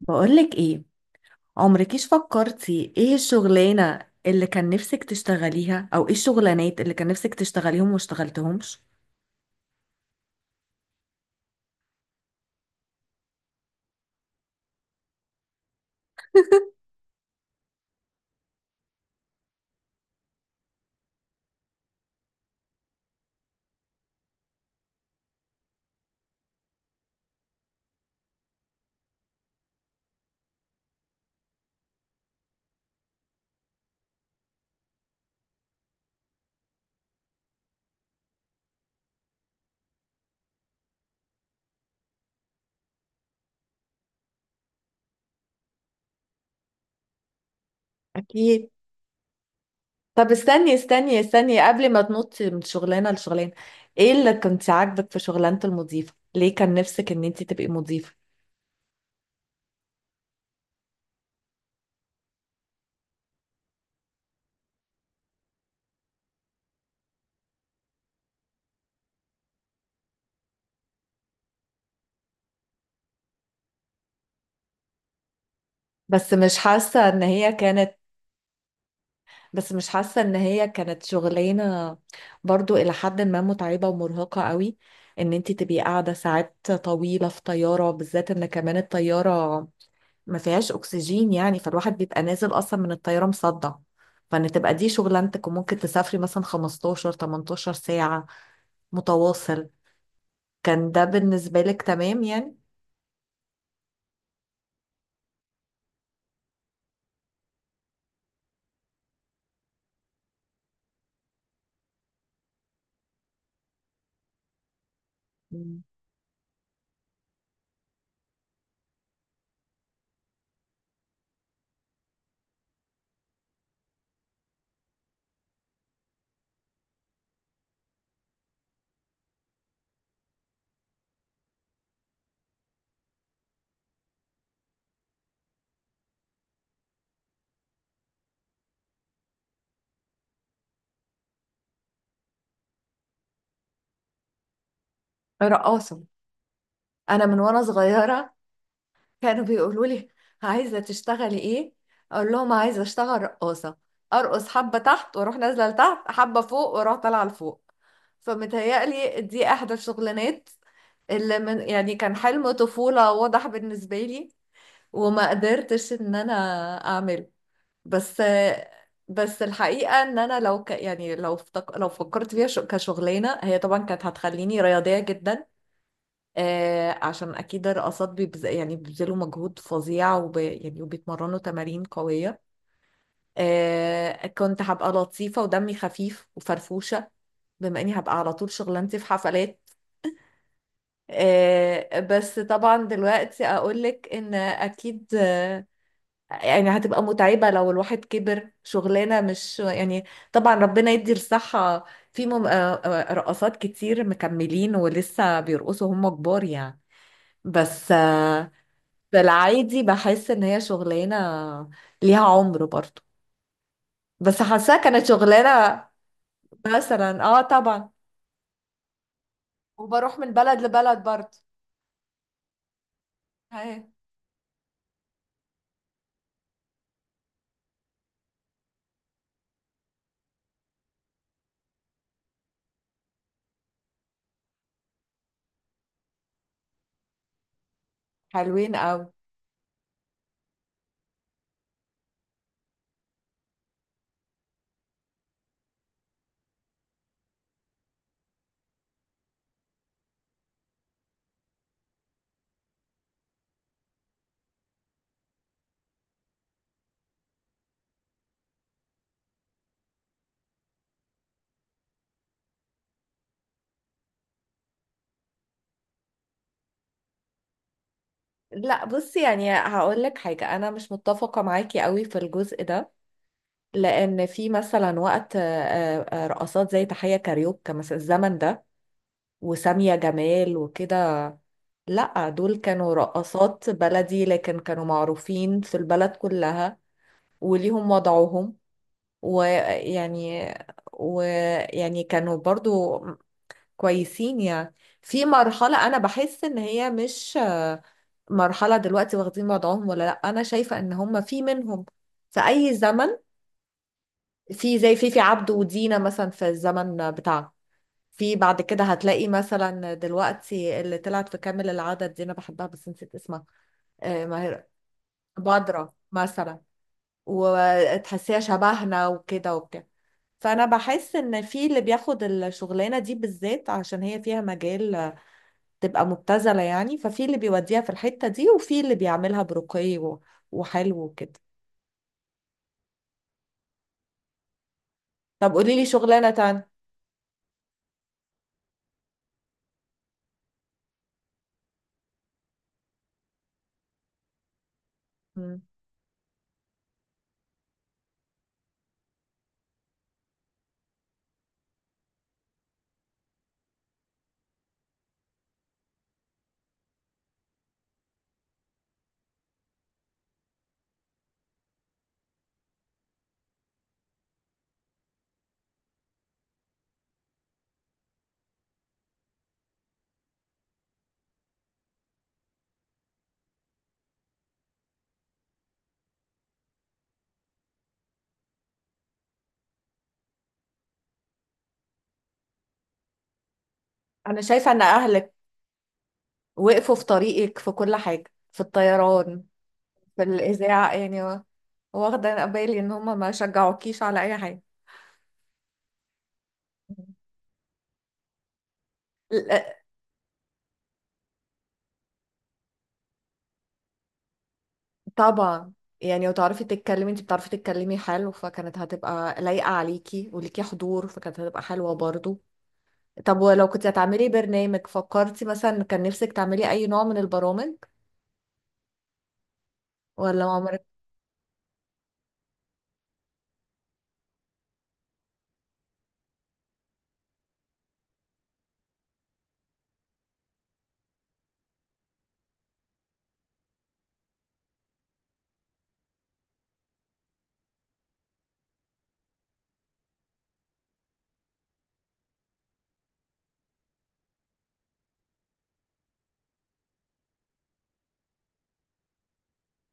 بقولك ايه، عمركيش فكرتي ايه الشغلانة اللي كان نفسك تشتغليها او ايه الشغلانات اللي كان نفسك تشتغليهم وما اشتغلتهمش؟ أكيد. طب استني استني استني قبل ما تنطي من شغلانة لشغلانة. ايه اللي كنت عاجبك في شغلانة المضيفة؟ ليه كان نفسك ان انت تبقي مضيفة؟ بس مش حاسة ان هي كانت، بس مش حاسة ان هي كانت شغلانة برضو الى حد ما متعبة ومرهقة قوي؟ ان انت تبقي قاعدة ساعات طويلة في طيارة، بالذات ان كمان الطيارة ما فيهاش اكسجين، يعني فالواحد بيبقى نازل اصلا من الطياره مصدع. فان تبقى دي شغلانتك وممكن تسافري مثلا 15 18 ساعه متواصل، كان ده بالنسبه لك تمام يعني؟ مم. رقاصه. انا من وانا صغيره كانوا بيقولوا لي عايزة تشتغلي ايه، اقول لهم عايزة اشتغل رقاصة، ارقص حبة تحت واروح نازلة لتحت، حبة فوق واروح طالعة لفوق. فمتهيألي دي احدى الشغلانات اللي من يعني كان حلم طفولة واضح بالنسبة لي وما قدرتش ان انا اعمله. بس بس الحقيقة ان انا لو ك يعني لو افتك... لو فكرت فيها كشغلانة، هي طبعا كانت هتخليني رياضية جدا. آه، عشان اكيد الرقصات بيبز... يعني بيبذلوا مجهود فظيع، وب... يعني وبيتمرنوا تمارين قوية. آه، كنت هبقى لطيفة ودمي خفيف وفرفوشة، بما اني هبقى على طول شغلانتي في حفلات. آه، بس طبعا دلوقتي اقولك ان اكيد آه، يعني هتبقى متعبة لو الواحد كبر. شغلانة مش يعني، طبعا ربنا يدي الصحة، في رقصات كتير مكملين ولسه بيرقصوا هم كبار يعني. بس آه، في العادي بحس ان هي شغلانه ليها عمر برضو. بس حاساها كانت شغلانه، مثلا، اه طبعا، وبروح من بلد لبلد برضو. هي. حلوين قوي. لا بصي، يعني هقول لك حاجه، انا مش متفقه معاكي قوي في الجزء ده. لان في مثلا وقت آه، آه، رقصات زي تحيه كاريوكا مثلا الزمن ده وسامية جمال وكده. لا، دول كانوا رقصات بلدي لكن كانوا معروفين في البلد كلها وليهم وضعهم. ويعني ويعني كانوا برضو كويسين يعني. في مرحلة أنا بحس إن هي مش آه، مرحلة دلوقتي واخدين وضعهم ولا لأ. أنا شايفة إن هم في منهم في أي زمن. في زي فيفي عبده ودينا مثلا في الزمن بتاعها، في بعد كده هتلاقي مثلا دلوقتي اللي طلعت في كامل العدد دي، أنا بحبها بس نسيت اسمها. آه، ماهرة. بدرة مثلا. وتحسيها شبهنا وكده وبتاع. فانا بحس ان في اللي بياخد الشغلانه دي بالذات عشان هي فيها مجال تبقى مبتذله، يعني ففي اللي بيوديها في الحته دي وفي اللي بيعملها برقي وحلو وكده. طب قولي لي شغلانه تانية. مم. انا شايفه ان اهلك وقفوا في طريقك في كل حاجه، في الطيران، في الاذاعه يعني، واخده بالي ان هم ما شجعوكيش على اي حاجه. طبعا، يعني وتعرفي تتكلمي، انت بتعرفي تتكلمي حلو، فكانت هتبقى لايقة عليكي وليكي حضور، فكانت هتبقى حلوة برضو. طب ولو كنت هتعملي برنامج، فكرتي مثلا كان نفسك تعملي اي نوع من البرامج ولا عمرك؟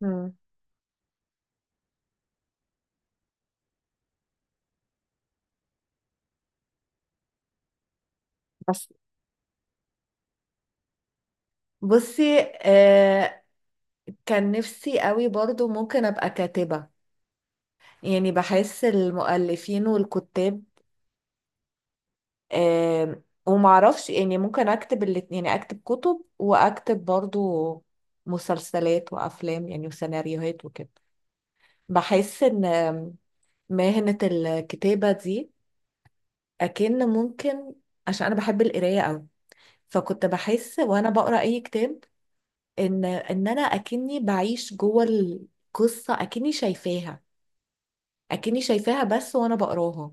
مم. بس بصي آه، كان نفسي قوي برضو ممكن ابقى كاتبة. يعني بحس المؤلفين والكتاب، آم، ومعرفش، يعني ممكن اكتب الاتنين، يعني اكتب كتب واكتب برضو مسلسلات وافلام، يعني وسيناريوهات وكده. بحس ان آم، مهنة الكتابة دي اكن ممكن. عشان انا بحب القراية قوي، فكنت بحس وانا بقرا اي كتاب ان انا اكني بعيش جوه القصة، اكني شايفاها، اكني شايفاها بس وانا بقراها.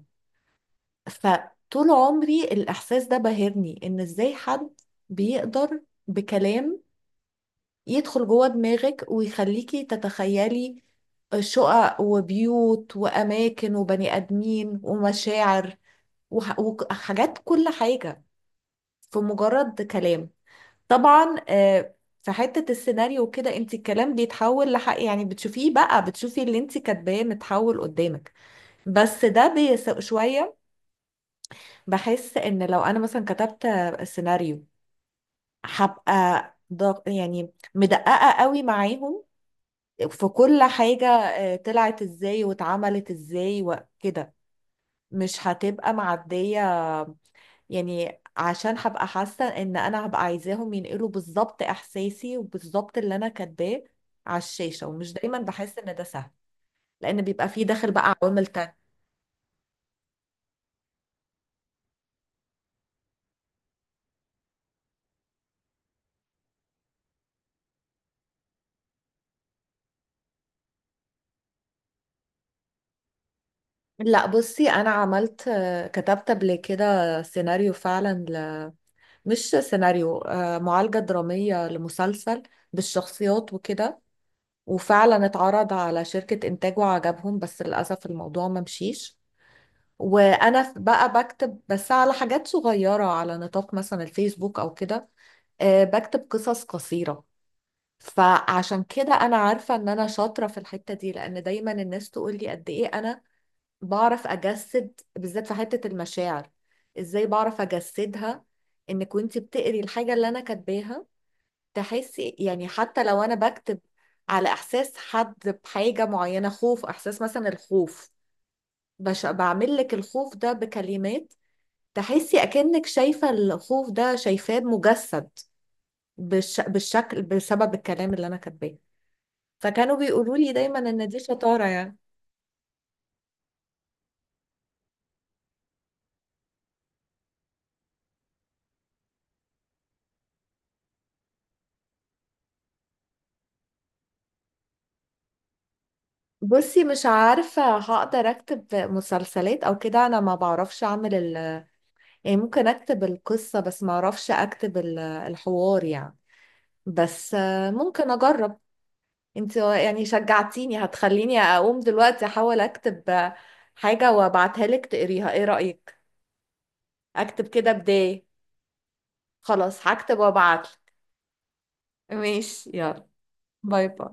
فطول عمري الإحساس ده بهرني، إن إزاي حد بيقدر بكلام يدخل جوه دماغك ويخليكي تتخيلي شقق وبيوت وأماكن وبني آدمين ومشاعر وحاجات، كل حاجة، في مجرد كلام. طبعا آه، في حتة السيناريو وكده انت الكلام بيتحول لحق، يعني بتشوفيه بقى، بتشوفي اللي انت كاتباه متحول قدامك. بس ده بيسوء شوية. بحس ان لو انا مثلا كتبت سيناريو، هبقى ضغ... يعني مدققة قوي معاهم في كل حاجة، آه، طلعت ازاي واتعملت ازاي وكده. مش هتبقى معدية، يعني عشان هبقى حاسة ان انا هبقى عايزاهم ينقلوا بالظبط احساسي وبالظبط اللي انا كاتباه على الشاشة، ومش دايما بحس ان ده سهل. لان بيبقى فيه داخل بقى عوامل تانية. لا بصي، انا عملت آه، كتبت قبل كده سيناريو فعلا، مش سيناريو، آه، معالجة درامية لمسلسل بالشخصيات وكده، وفعلا اتعرض على شركة إنتاج وعجبهم، بس للأسف الموضوع ما مشيش. وأنا بقى بكتب بس على حاجات صغيرة على نطاق مثلا الفيسبوك أو كده. آه، بكتب قصص قصيرة. فعشان كده أنا عارفة إن أنا شاطرة في الحتة دي، لأن دايما الناس تقول لي قد إيه أنا بعرف أجسد، بالذات في حتة المشاعر، إزاي بعرف أجسدها إنك وإنتي بتقري الحاجة اللي أنا كاتباها تحسي، يعني حتى لو انا بكتب على احساس حد بحاجة معينة، خوف، احساس مثلا الخوف، بعمل لك الخوف ده بكلمات تحسي اكنك شايفة الخوف ده، شايفاه مجسد بالشكل بسبب الكلام اللي انا كاتباه. فكانوا بيقولوا لي دايما ان دي شطارة يعني. بصي مش عارفة هقدر اكتب مسلسلات او كده، انا ما بعرفش اعمل ال... يعني ممكن اكتب القصة بس ما اعرفش اكتب الحوار يعني. بس آه، ممكن اجرب. انت يعني شجعتيني، هتخليني اقوم دلوقتي احاول اكتب حاجة وابعتها لك تقريها، ايه رأيك؟ اكتب كده بداية. خلاص هكتب وابعتلك. ماشي يلا. باي باي.